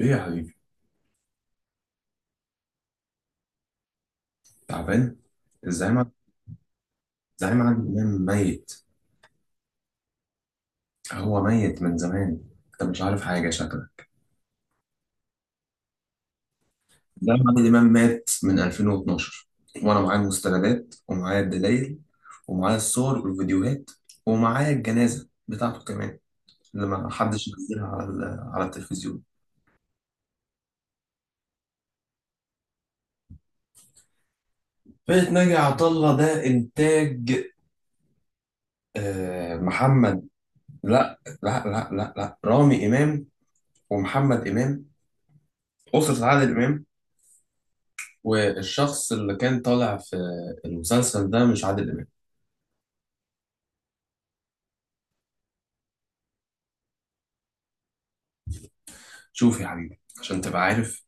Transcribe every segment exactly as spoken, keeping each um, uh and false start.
ايه يا حبيبي. تعبان. الزعيم عب- الزعيم عادل امام ميت. هو ميت من زمان. انت مش عارف حاجه، شكلك. الزعيم عادل امام مات من ألفين واثنا عشر، وانا معايا المستندات ومعايا الدلائل ومعايا الصور والفيديوهات ومعايا الجنازه بتاعته كمان اللي ما حدش نزلها على ال- على التلفزيون. فرقة ناجي عطا الله ده انتاج، آه محمد. لا لا لا لا لا، رامي امام ومحمد امام، اسره عادل امام. والشخص اللي كان طالع في المسلسل ده مش عادل إمام. شوف يا حبيبي عشان تبقى عارف،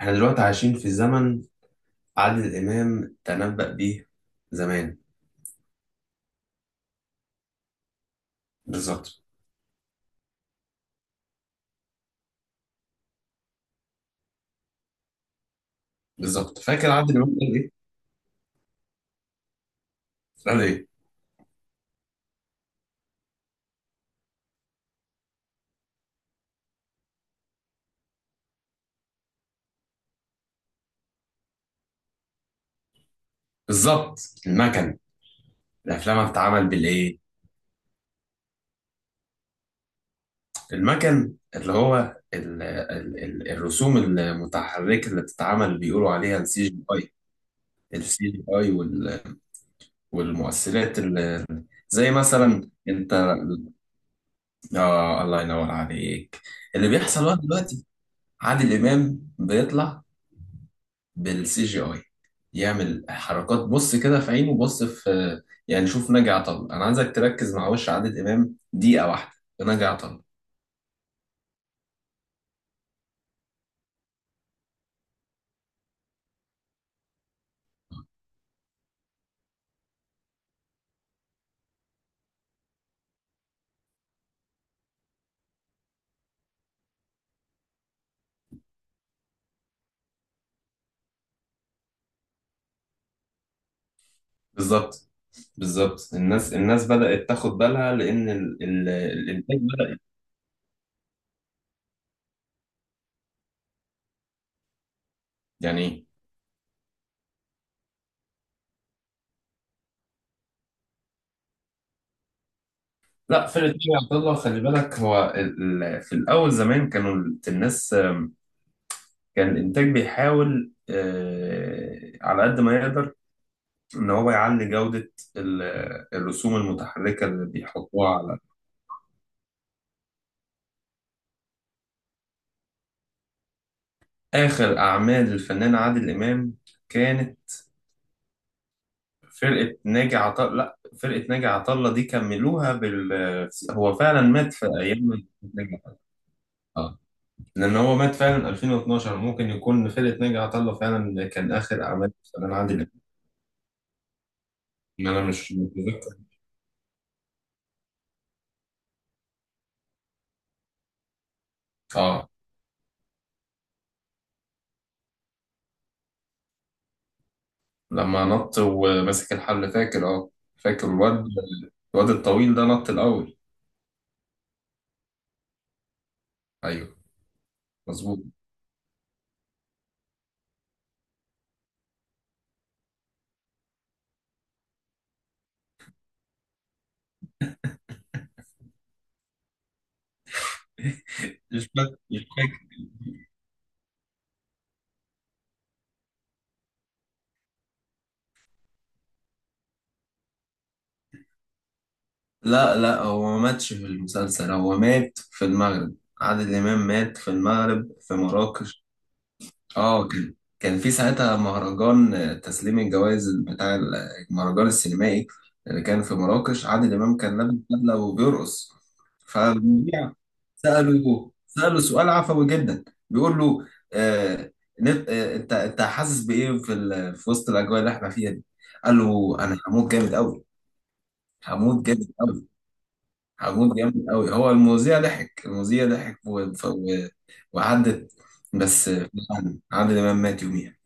احنا دلوقتي عايشين في زمن عادل إمام تنبأ بيه زمان. بالظبط. بالظبط، فاكر عادل إمام قال إيه؟ قال إيه؟ بالظبط. المكن. الأفلام بتتعمل بالإيه؟ المكن اللي هو ال ال ال الرسوم المتحركة اللي بتتعمل، اللي بيقولوا عليها السي جي اي. السي جي اي والمؤثرات اللي زي مثلا. آه، الله ينور عليك. اللي بيحصل بقى دلوقتي، عادل إمام بيطلع بالسي جي آي، يعمل حركات، بص كده في عينه، بص في. يعني شوف ناجي عطا الله، أنا عايزك تركز مع وش عادل إمام دقيقة واحدة في ناجي عطا الله. بالظبط. بالظبط، الناس الناس بدأت تاخد بالها لأن ال- ال- الإنتاج بدأ. يعني لا، فرقة ناجي عطا الله خلي بالك، هو ال- ال- في الأول زمان كانوا ال- الناس، كان الإنتاج بيحاول، آه، على قد ما يقدر ان هو يعلي جودة ال- الرسوم المتحركة اللي بيحطوها على. اخر اعمال الفنان عادل امام كانت فرقة ناجي عطا، لا فرقة ناجي عطا الله دي كملوها بال. هو فعلا مات في ايام ناجي عطا الله. آه. لان هو مات فعلا ألفين واتناشر، ممكن يكون فرقة ناجي عطا الله فعلا كان اخر اعمال الفنان عادل امام. إن انا مش متذكر. اه، لما نط وماسك الحل، فاكر؟ اه فاكر الواد. الواد الطويل ده نط الاول. ايوه. مظبوط. مش فاكر، مش فاكر. لا لا، هو ما ماتش في المسلسل، هو مات في المغرب. عادل إمام مات في المغرب في مراكش. اه كان. كان في ساعتها مهرجان آه، تسليم الجوائز بتاع ال- المهرجان السينمائي اللي كان في مراكش. عادل إمام كان لابس بدلة وبيرقص. فالمذيع سأله سأله سؤال عفوي جدا، بيقول له آه، نت- آه، انت انت حاسس بايه في ال- في وسط الاجواء اللي احنا فيها دي؟ قال له انا هموت جامد قوي. هموت جامد عجوز جامد قوي. هو المذيع ضحك، المذيع ضحك و... ف... و... وعدت. بس فعلا عادل امام مات يوميها.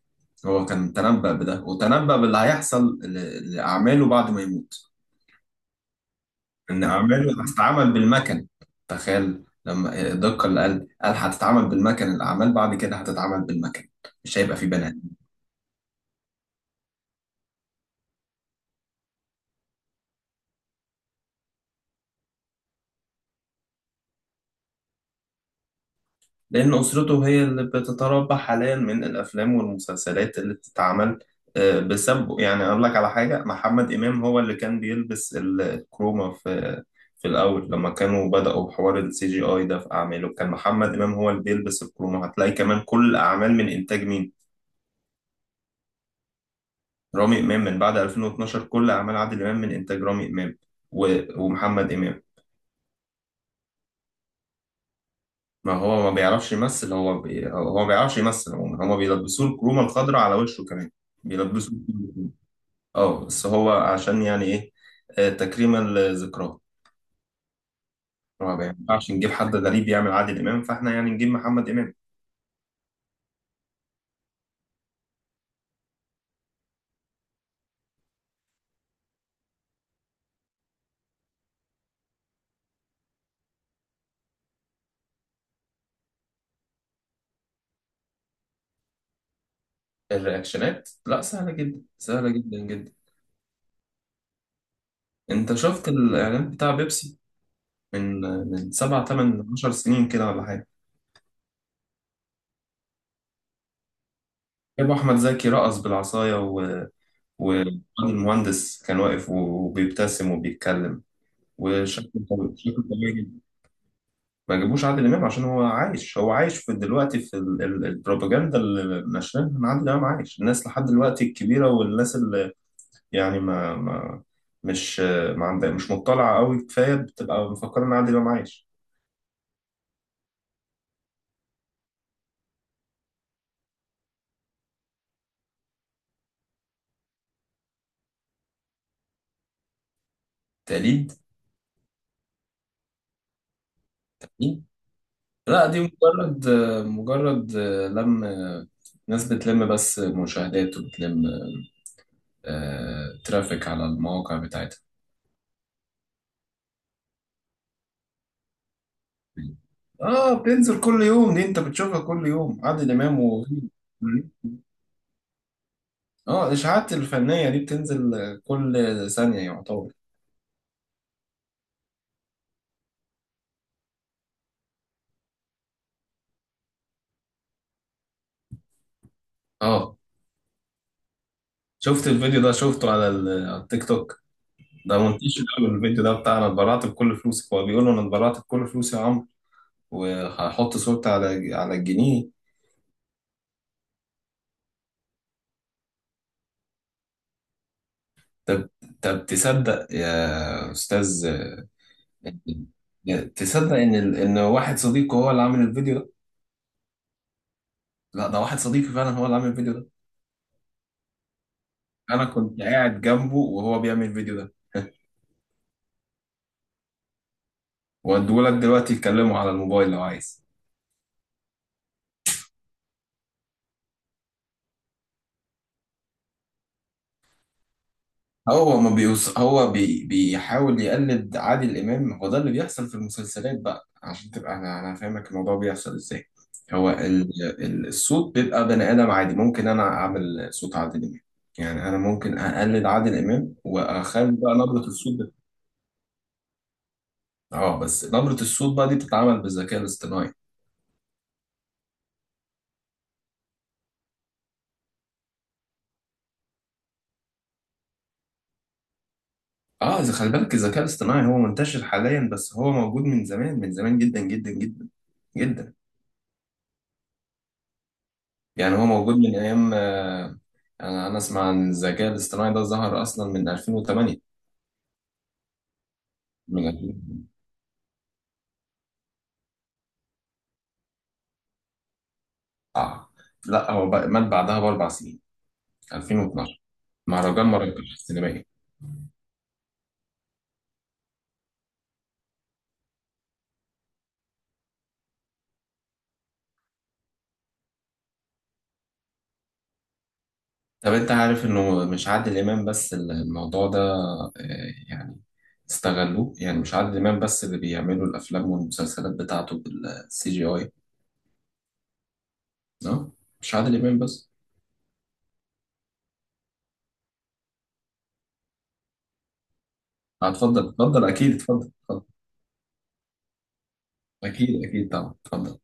هو كان تنبأ بده، وتنبأ باللي هيحصل ل... لأعماله بعد ما يموت. إن أعماله هتتعمل بالمكن. تخيل لما الدقة اللي قال قال هتتعمل بالمكن، الأعمال بعد كده هتتعمل بالمكن. مش هيبقى في بني. لأن أسرته هي اللي بتتربى حاليا من الأفلام والمسلسلات اللي بتتعمل آه، بسببه. يعني أقول لك على حاجة، محمد إمام هو اللي كان بيلبس ال- الكروما في. في الأول لما كانوا بدأوا حوار السي جي آي ده في أعماله، كان محمد إمام هو اللي بيلبس الكروما. هتلاقي كمان كل الأعمال من إنتاج مين؟ رامي إمام. من بعد ألفين واثنا عشر كل أعمال عادل إمام من إنتاج رامي إمام و- ومحمد إمام. ما هو ما بيعرفش يمثل، هو بي... هو ما بيعرفش يمثل عموما. هما بيلبسوه الكرومة الخضراء على وشه كمان. بيلبسوه الكرومة. اه بس هو عشان يعني ايه، آه، تكريما لذكراه. هو ما ينفعش نجيب حد غريب يعمل عادل امام، فاحنا يعني نجيب محمد امام. الرياكشنات لا، سهلة جدا، سهلة جدا جدا. انت شفت الاعلان بتاع بيبسي من. من سبع تمن عشر سنين كده ولا حاجة؟ جابوا احمد زكي رقص بالعصاية و... و... المهندس كان واقف وبيبتسم وبيتكلم وشكله طبيعي، شكله طبيعي جدا. ما جابوش عادل امام عشان هو عايش، هو عايش في دلوقتي في ال- ال- البروباجندا اللي نشرها ان عادل امام عايش، الناس لحد دلوقتي الكبيره، والناس اللي يعني ما, ما مش ما عندها مش مطلعه قوي كفايه بتبقى مفكره ان عادل امام عايش. تقليد. لا دي مجرد، مجرد لم ناس بتلم بس مشاهدات، وبتلم آه، ترافيك على المواقع بتاعتها. اه بتنزل كل يوم دي، انت بتشوفها كل يوم، عادل امام و. اه الاشاعات الفنيه دي بتنزل كل ثانيه يعتبر. اه شفت الفيديو ده، شفته على ال- على التيك توك. ده منتشر قوي الفيديو ده بتاع انا اتبرعت بكل فلوسي. هو بيقول له انا اتبرعت بكل فلوسي يا عمرو، وهحط صورتي على على الجنيه. طب. طب تصدق يا استاذ، تصدق ان ال... ان واحد صديقه هو اللي عامل الفيديو ده. لا ده واحد صديقي فعلا هو اللي عامل الفيديو ده. انا كنت قاعد جنبه وهو بيعمل الفيديو ده. واديهولك دلوقتي تكلمه على الموبايل لو عايز. هو ما بيوص... هو بي... بيحاول يقلد عادل امام. هو ده اللي بيحصل في المسلسلات بقى، عشان تبقى انا انا فاهمك الموضوع بيحصل ازاي. هو ال... ال- الصوت بيبقى بني ادم عادي، ممكن انا اعمل صوت عادل امام. يعني انا ممكن اقلد عادل امام واخلي بقى نبرة الصوت ده. اه بس نبرة الصوت بقى دي بتتعمل بالذكاء الاصطناعي. اه إذا خلي بالك، الذكاء الاصطناعي هو منتشر حاليا، بس هو موجود من زمان، من زمان جدا جدا جدا جدا. يعني هو موجود من ايام، آه، انا انا اسمع عن الذكاء الاصطناعي ده ظهر اصلا من ألفين وتمانية. من ألفين. اه لا هو بقى- مات بعدها باربع سنين، ألفين واثنا عشر، مهرجان مراكش السينمائي. طب انت عارف انه مش عادل امام بس الموضوع ده، آه، يعني استغلوه. يعني مش عادل امام بس اللي بيعملوا الافلام والمسلسلات بتاعته بالسي جي اي. اه مش عادل امام بس. آه، اتفضل اتفضل، اكيد، اتفضل اتفضل. اكيد اكيد طبعا اتفضل.